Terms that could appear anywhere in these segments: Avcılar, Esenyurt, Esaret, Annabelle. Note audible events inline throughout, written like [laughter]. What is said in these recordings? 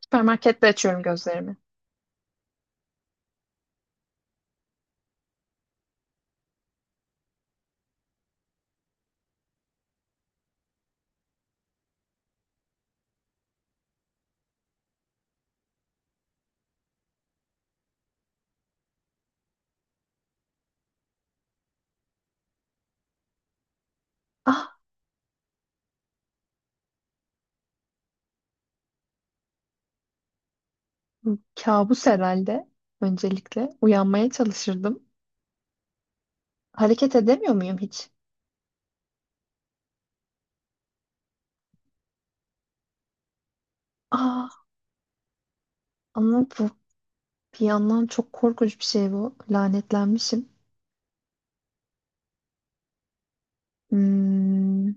Süpermarkette açıyorum gözlerimi. Ah, bu kabus herhalde. Öncelikle uyanmaya çalışırdım. Hareket edemiyor muyum hiç? Ah, ama bu bir yandan çok korkunç bir şey bu. Lanetlenmişim. Hmm,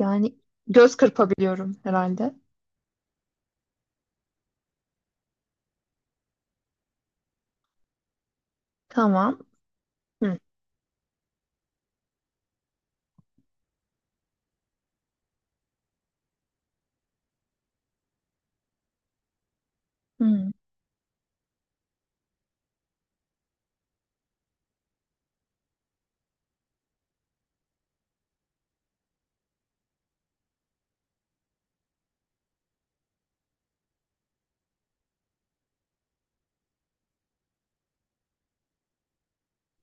yani göz kırpabiliyorum herhalde. Tamam. Hı, hı,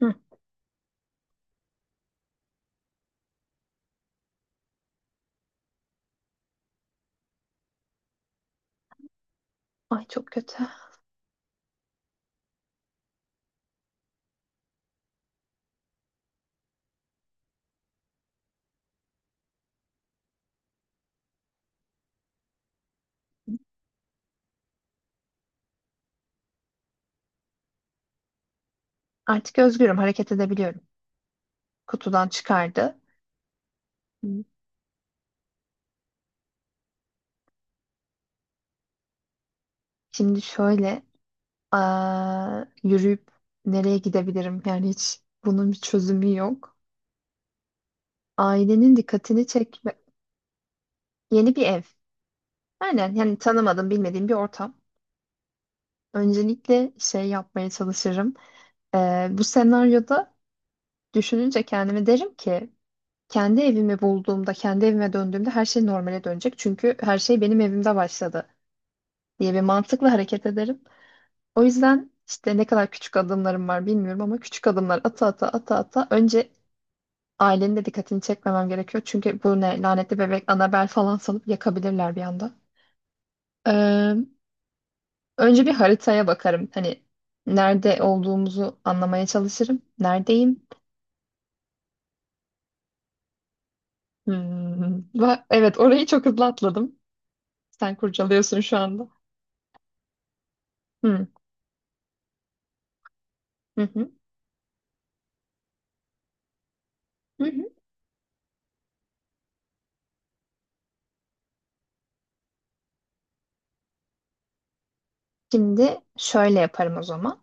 hı. Ay çok kötü. Artık özgürüm. Hareket edebiliyorum. Kutudan çıkardı. Hı. Şimdi şöyle aa, yürüyüp nereye gidebilirim? Yani hiç bunun bir çözümü yok. Ailenin dikkatini çekme. Yeni bir ev. Aynen yani tanımadığım bilmediğim bir ortam. Öncelikle şey yapmaya çalışırım. Bu senaryoda düşününce kendime derim ki kendi evimi bulduğumda, kendi evime döndüğümde her şey normale dönecek. Çünkü her şey benim evimde başladı diye bir mantıkla hareket ederim. O yüzden işte ne kadar küçük adımlarım var bilmiyorum ama küçük adımlar ata ata ata ata önce ailenin de dikkatini çekmemem gerekiyor. Çünkü bu ne lanetli bebek Annabelle falan sanıp yakabilirler bir anda. Önce bir haritaya bakarım. Hani nerede olduğumuzu anlamaya çalışırım. Neredeyim? Hmm. Evet, orayı çok hızlı atladım. Sen kurcalıyorsun şu anda. Hmm. Hı hı. Hı hı. Şimdi şöyle yaparım o zaman.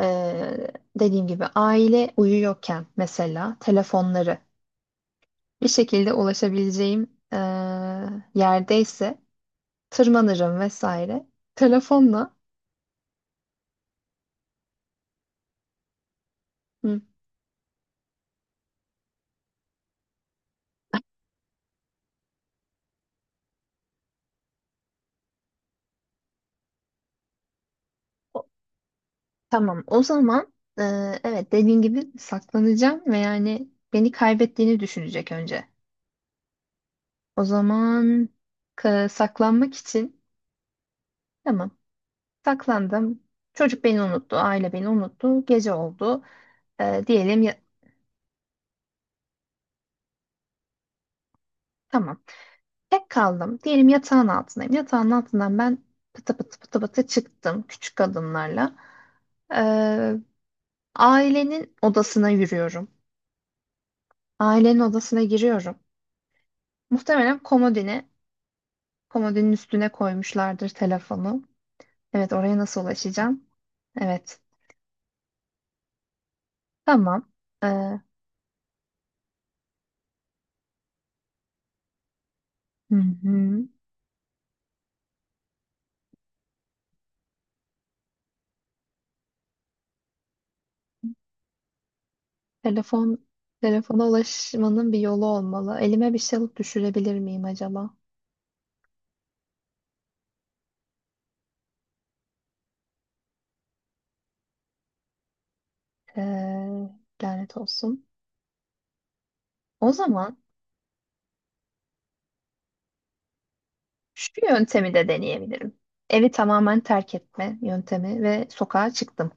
Ee, dediğim gibi aile uyuyorken mesela telefonları bir şekilde ulaşabileceğim yerdeyse tırmanırım vesaire. Telefonla. Hı. Tamam, o zaman e, evet dediğin gibi saklanacağım ve yani beni kaybettiğini düşünecek önce. O zaman saklanmak için tamam saklandım. Çocuk beni unuttu, aile beni unuttu, gece oldu. E, diyelim ya, tamam tek kaldım. Diyelim yatağın altındayım. Yatağın altından ben pıtı pıtı pıtı pıtı çıktım küçük adımlarla. E, ailenin odasına yürüyorum. Ailenin odasına giriyorum. Muhtemelen komodine. Komodinin üstüne koymuşlardır telefonu. Evet, oraya nasıl ulaşacağım? Evet. Tamam. Ee, hı hı. Telefon telefona ulaşmanın bir yolu olmalı. Elime bir şey alıp düşürebilir miyim acaba? Ee, lanet olsun. O zaman şu yöntemi de deneyebilirim. Evi tamamen terk etme yöntemi ve sokağa çıktım.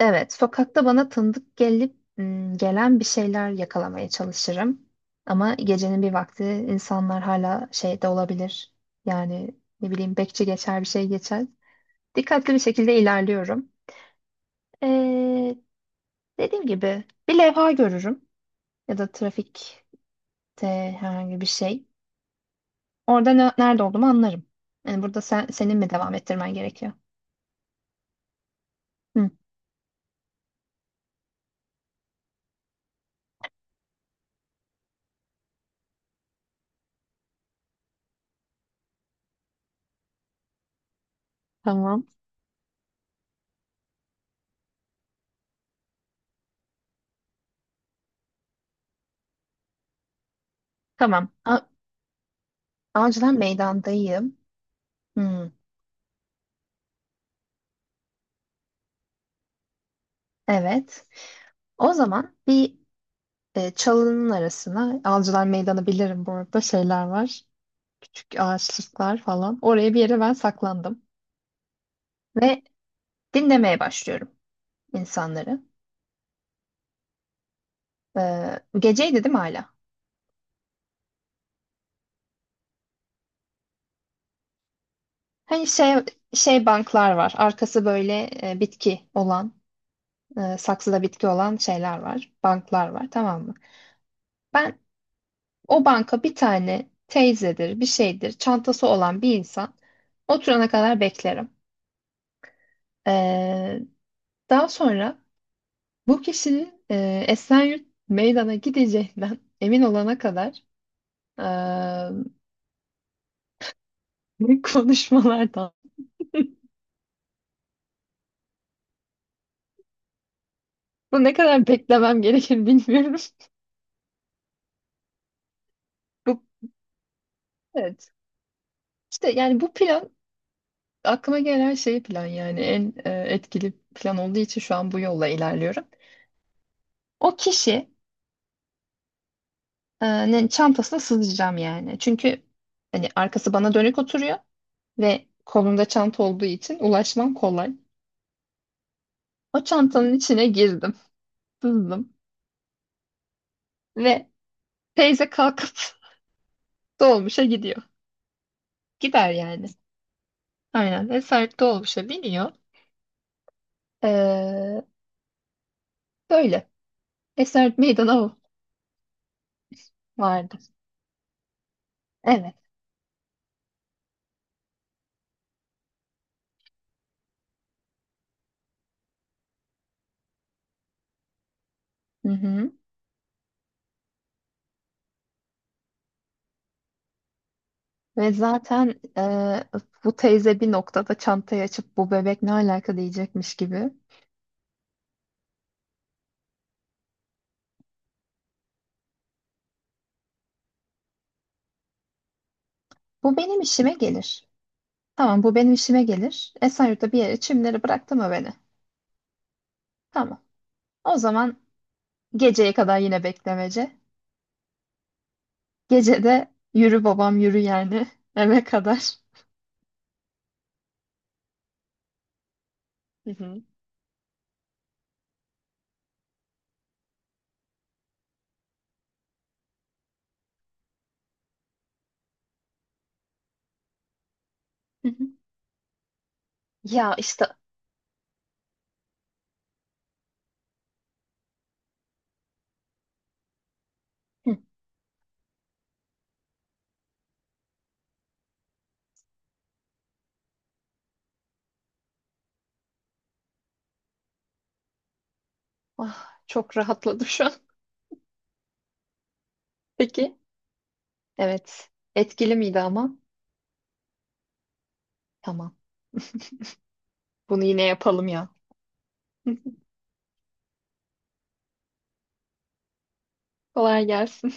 Evet, sokakta bana tanıdık gelip gelen bir şeyler yakalamaya çalışırım. Ama gecenin bir vakti insanlar hala şeyde olabilir. Yani ne bileyim bekçi geçer bir şey geçer. Dikkatli bir şekilde ilerliyorum. Ee, dediğim gibi bir levha görürüm ya da trafikte herhangi bir şey. Orada nerede olduğumu anlarım. Yani burada senin mi devam ettirmen gerekiyor? Hı, tamam. tamam. A Avcılar meydandayım. Hı, evet. O zaman bir çalının arasına Avcılar Meydanı bilirim bu arada şeyler var. Küçük ağaçlıklar falan. Oraya bir yere ben saklandım. Ve dinlemeye başlıyorum insanları. E, geceydi değil mi hala? Hani şey banklar var. Arkası böyle bitki olan, saksıda bitki olan şeyler var. Banklar var tamam mı? Ben o banka bir tane teyzedir, bir şeydir, çantası olan bir insan oturana kadar beklerim. E, daha sonra bu kişinin Esenyurt meydana gideceğinden emin olana kadar e, [laughs] konuşmalardan. Bu ne kadar beklemem gerekir bilmiyorum. [laughs] Bu, evet. İşte yani bu plan aklıma gelen şey plan yani en etkili plan olduğu için şu an bu yolla ilerliyorum. O kişinin çantasına sızacağım yani. Çünkü hani arkası bana dönük oturuyor ve kolunda çanta olduğu için ulaşmam kolay. O çantanın içine girdim, sızdım ve teyze kalkıp [laughs] dolmuşa gidiyor. Gider yani. Aynen. Esaret dolmuşa biniyor. Ee, böyle. Esaret meydana o vardı. Evet. Hı hı. Ve zaten bu teyze bir noktada çantayı açıp bu bebek ne alaka diyecekmiş gibi. Bu benim işime gelir. Tamam bu benim işime gelir. Esaret'e bir yere çimleri bıraktı mı beni? Tamam. O zaman geceye kadar yine beklemece. Gece de yürü babam yürü yani [laughs] eve kadar. Hı hı. Ya işte. Hı. Ah, çok rahatladım şu an. Peki. Evet. Etkili miydi ama? Tamam. Bunu yine yapalım ya. [laughs] Kolay gelsin.